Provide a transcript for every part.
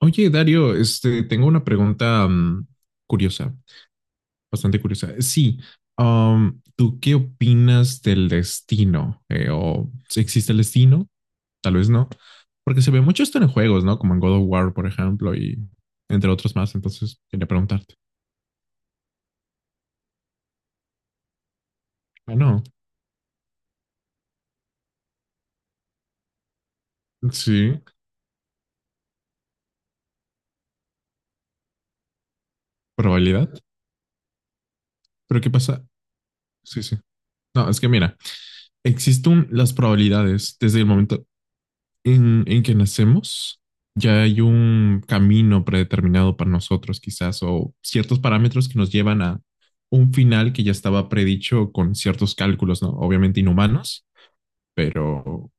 Oye, Dario, tengo una pregunta curiosa, bastante curiosa. Sí, ¿tú qué opinas del destino? ¿O si existe el destino? Tal vez no, porque se ve mucho esto en juegos, ¿no? Como en God of War, por ejemplo, y entre otros más. Entonces, quería preguntarte. Bueno, sí, probabilidad. ¿Pero qué pasa? Sí, sí. No, es que mira, existen las probabilidades desde el momento en que nacemos, ya hay un camino predeterminado para nosotros, quizás, o ciertos parámetros que nos llevan a un final que ya estaba predicho con ciertos cálculos, ¿no? Obviamente inhumanos, pero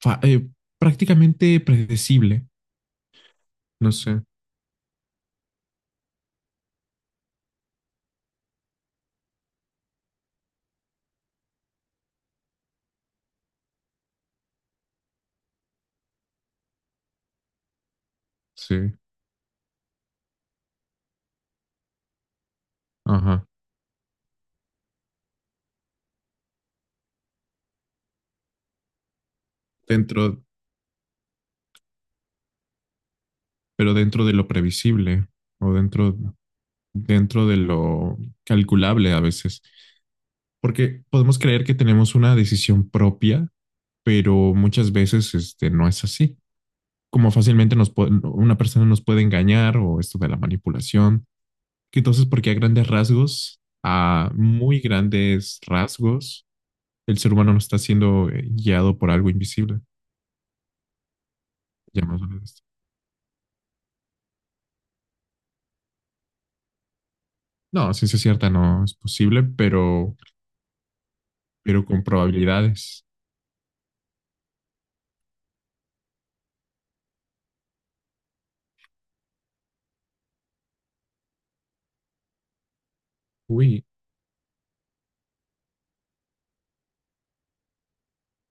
fa- eh, prácticamente predecible, no sé, sí, ajá, dentro, pero dentro de lo previsible o dentro, dentro de lo calculable a veces. Porque podemos creer que tenemos una decisión propia, pero muchas veces no es así. Como fácilmente nos puede- una persona nos puede engañar o esto de la manipulación. Que entonces, porque a grandes rasgos, a muy grandes rasgos, el ser humano no está siendo guiado por algo invisible, llamémoslo de esto. No, ciencia cierta no es posible, pero con probabilidades. Uy,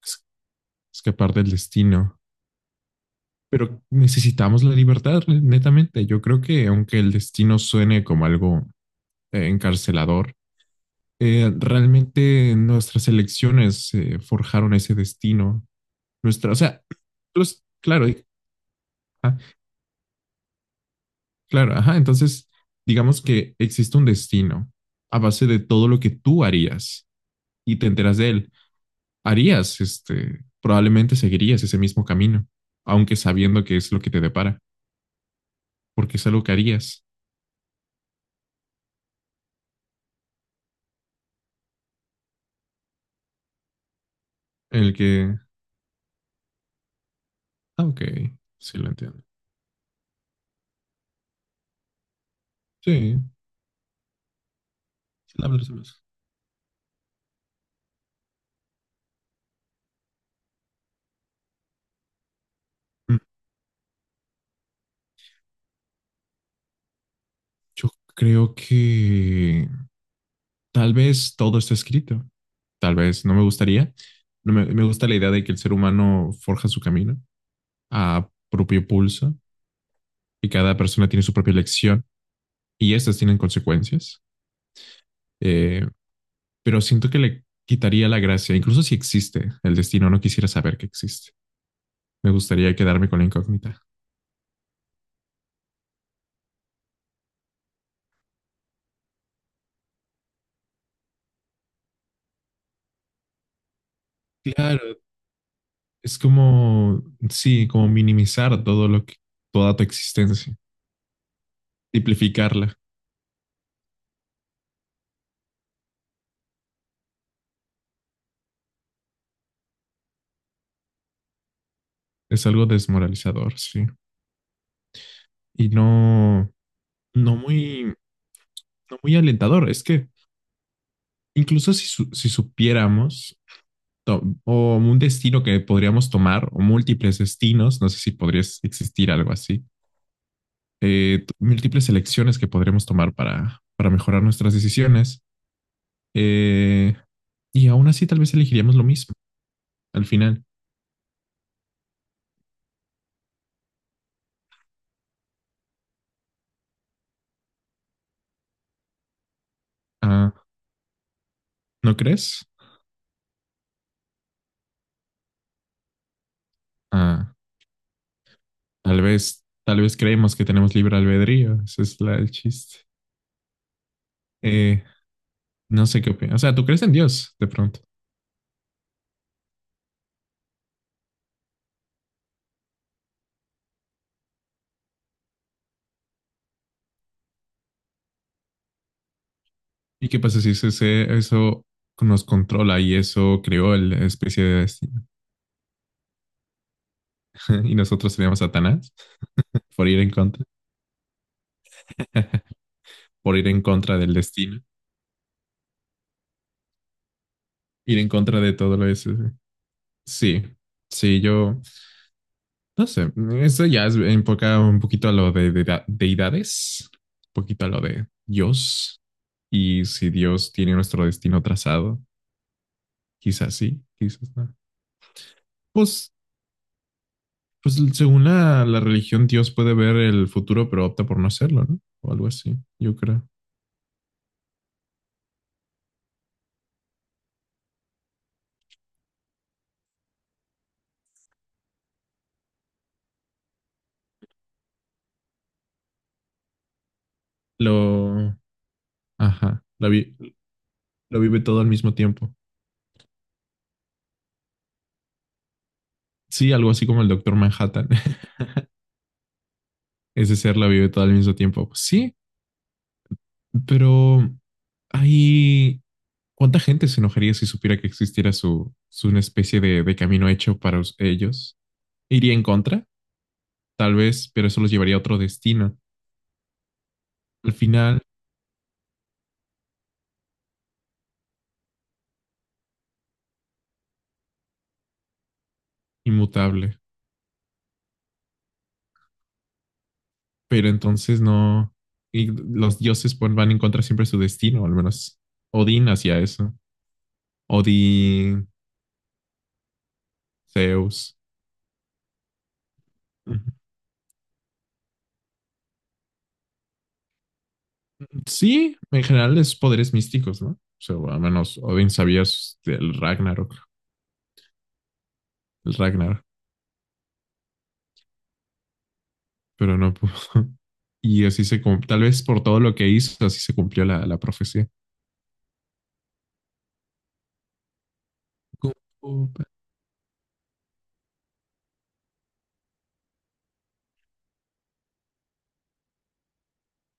es- escapar del destino. Pero necesitamos la libertad, netamente. Yo creo que aunque el destino suene como algo encarcelador, realmente nuestras elecciones forjaron ese destino. Nuestra, o sea, claro, ah, claro, ajá. Entonces, digamos que existe un destino a base de todo lo que tú harías y te enteras de él. Harías, probablemente seguirías ese mismo camino, aunque sabiendo que es lo que te depara, porque es algo que harías, el que. Ah, ok, sí lo entiendo. Sí, sin hablar se. Mm. Yo creo que tal vez todo está escrito. Tal vez no me gustaría. No me, me gusta la idea de que el ser humano forja su camino a propio pulso y cada persona tiene su propia elección y estas tienen consecuencias. Eh, pero siento que le quitaría la gracia, incluso si existe el destino, no quisiera saber que existe. Me gustaría quedarme con la incógnita. Claro, es como, sí, como minimizar toda tu existencia, simplificarla. Es algo desmoralizador, sí. Y no, no muy, no muy alentador. Es que incluso si, si supiéramos o un destino que podríamos tomar o múltiples destinos, no sé si podría existir algo así, múltiples elecciones que podríamos tomar para mejorar nuestras decisiones. Eh, y aún así tal vez elegiríamos lo mismo al final. Ah, ¿no crees? Ah, tal vez creemos que tenemos libre albedrío. El chiste. Eh, no sé qué opinas. O sea, tú crees en Dios de pronto. ¿Y qué pasa si eso nos controla y eso creó la especie de destino? Y nosotros seríamos Satanás por ir en contra, por ir en contra del destino, ir en contra de todo lo eso. Sí, sí, yo. No sé, eso ya es enfoca un poquito a lo de, deidades, un poquito a lo de Dios. Y si Dios tiene nuestro destino trazado, quizás sí, quizás no. Pues, pues según la religión, Dios puede ver el futuro, pero opta por no hacerlo, ¿no? O algo así, yo creo. Lo, ajá, lo vive todo al mismo tiempo. Sí, algo así como el Doctor Manhattan. Ese ser la vive todo al mismo tiempo. Sí, pero ahí. ¿Cuánta gente se enojaría si supiera que existiera su una especie de camino hecho para ellos? ¿Iría en contra? Tal vez, pero eso los llevaría a otro destino. Al final, inmutable. Pero entonces no. Y los dioses van en contra siempre de su destino, al menos Odín hacía eso. Odín, Zeus. Ujú. Sí, en general es poderes místicos, ¿no? O sea, al menos Odín sabía del Ragnarok. El Ragnarok. Pero no pudo. Y así tal vez por todo lo que hizo, así se cumplió la profecía. Como para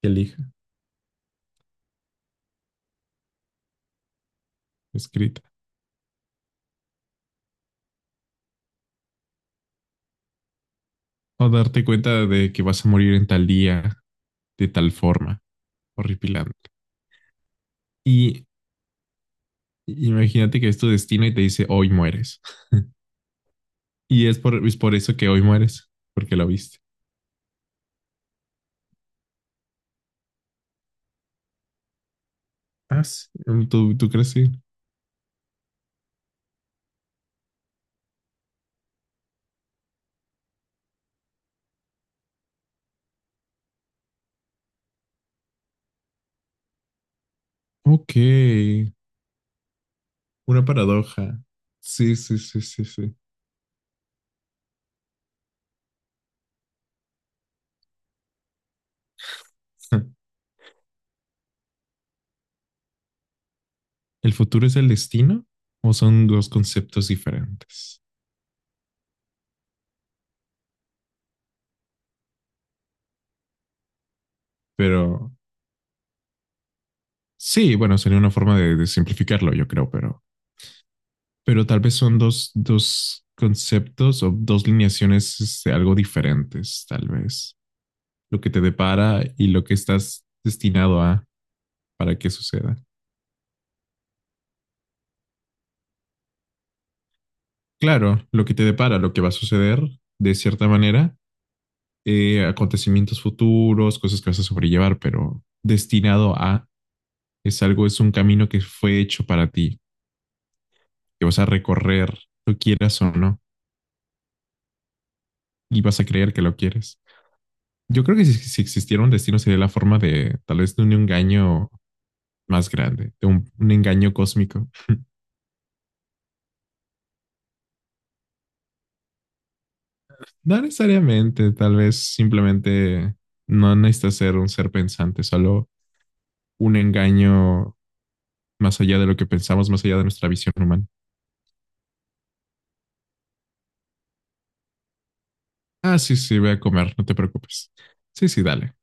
que elija, escrita. O darte cuenta de que vas a morir en tal día, de tal forma, horripilante. Y imagínate que es tu destino y te dice, hoy mueres. Y es por eso que hoy mueres, porque lo viste. Ah, sí. ¿Tú, tú crees? Sí. Ok, una paradoja. Sí, sí, sí, sí, sí. ¿El futuro es el destino o son dos conceptos diferentes? Pero sí, bueno, sería una forma de simplificarlo, yo creo, pero tal vez son dos, dos conceptos o dos lineaciones algo diferentes, tal vez. Lo que te depara y lo que estás destinado a para que suceda. Claro, lo que te depara, lo que va a suceder, de cierta manera, acontecimientos futuros, cosas que vas a sobrellevar, pero destinado a es algo, es un camino que fue hecho para ti, que vas a recorrer, lo quieras o no, y vas a creer que lo quieres. Yo creo que si, si existiera un destino sería la forma de tal vez de un engaño más grande, de un engaño cósmico. No necesariamente, tal vez simplemente no necesita ser un ser pensante, solo un engaño más allá de lo que pensamos, más allá de nuestra visión humana. Ah, sí, sí, voy a comer, no te preocupes. Sí, sí, dale.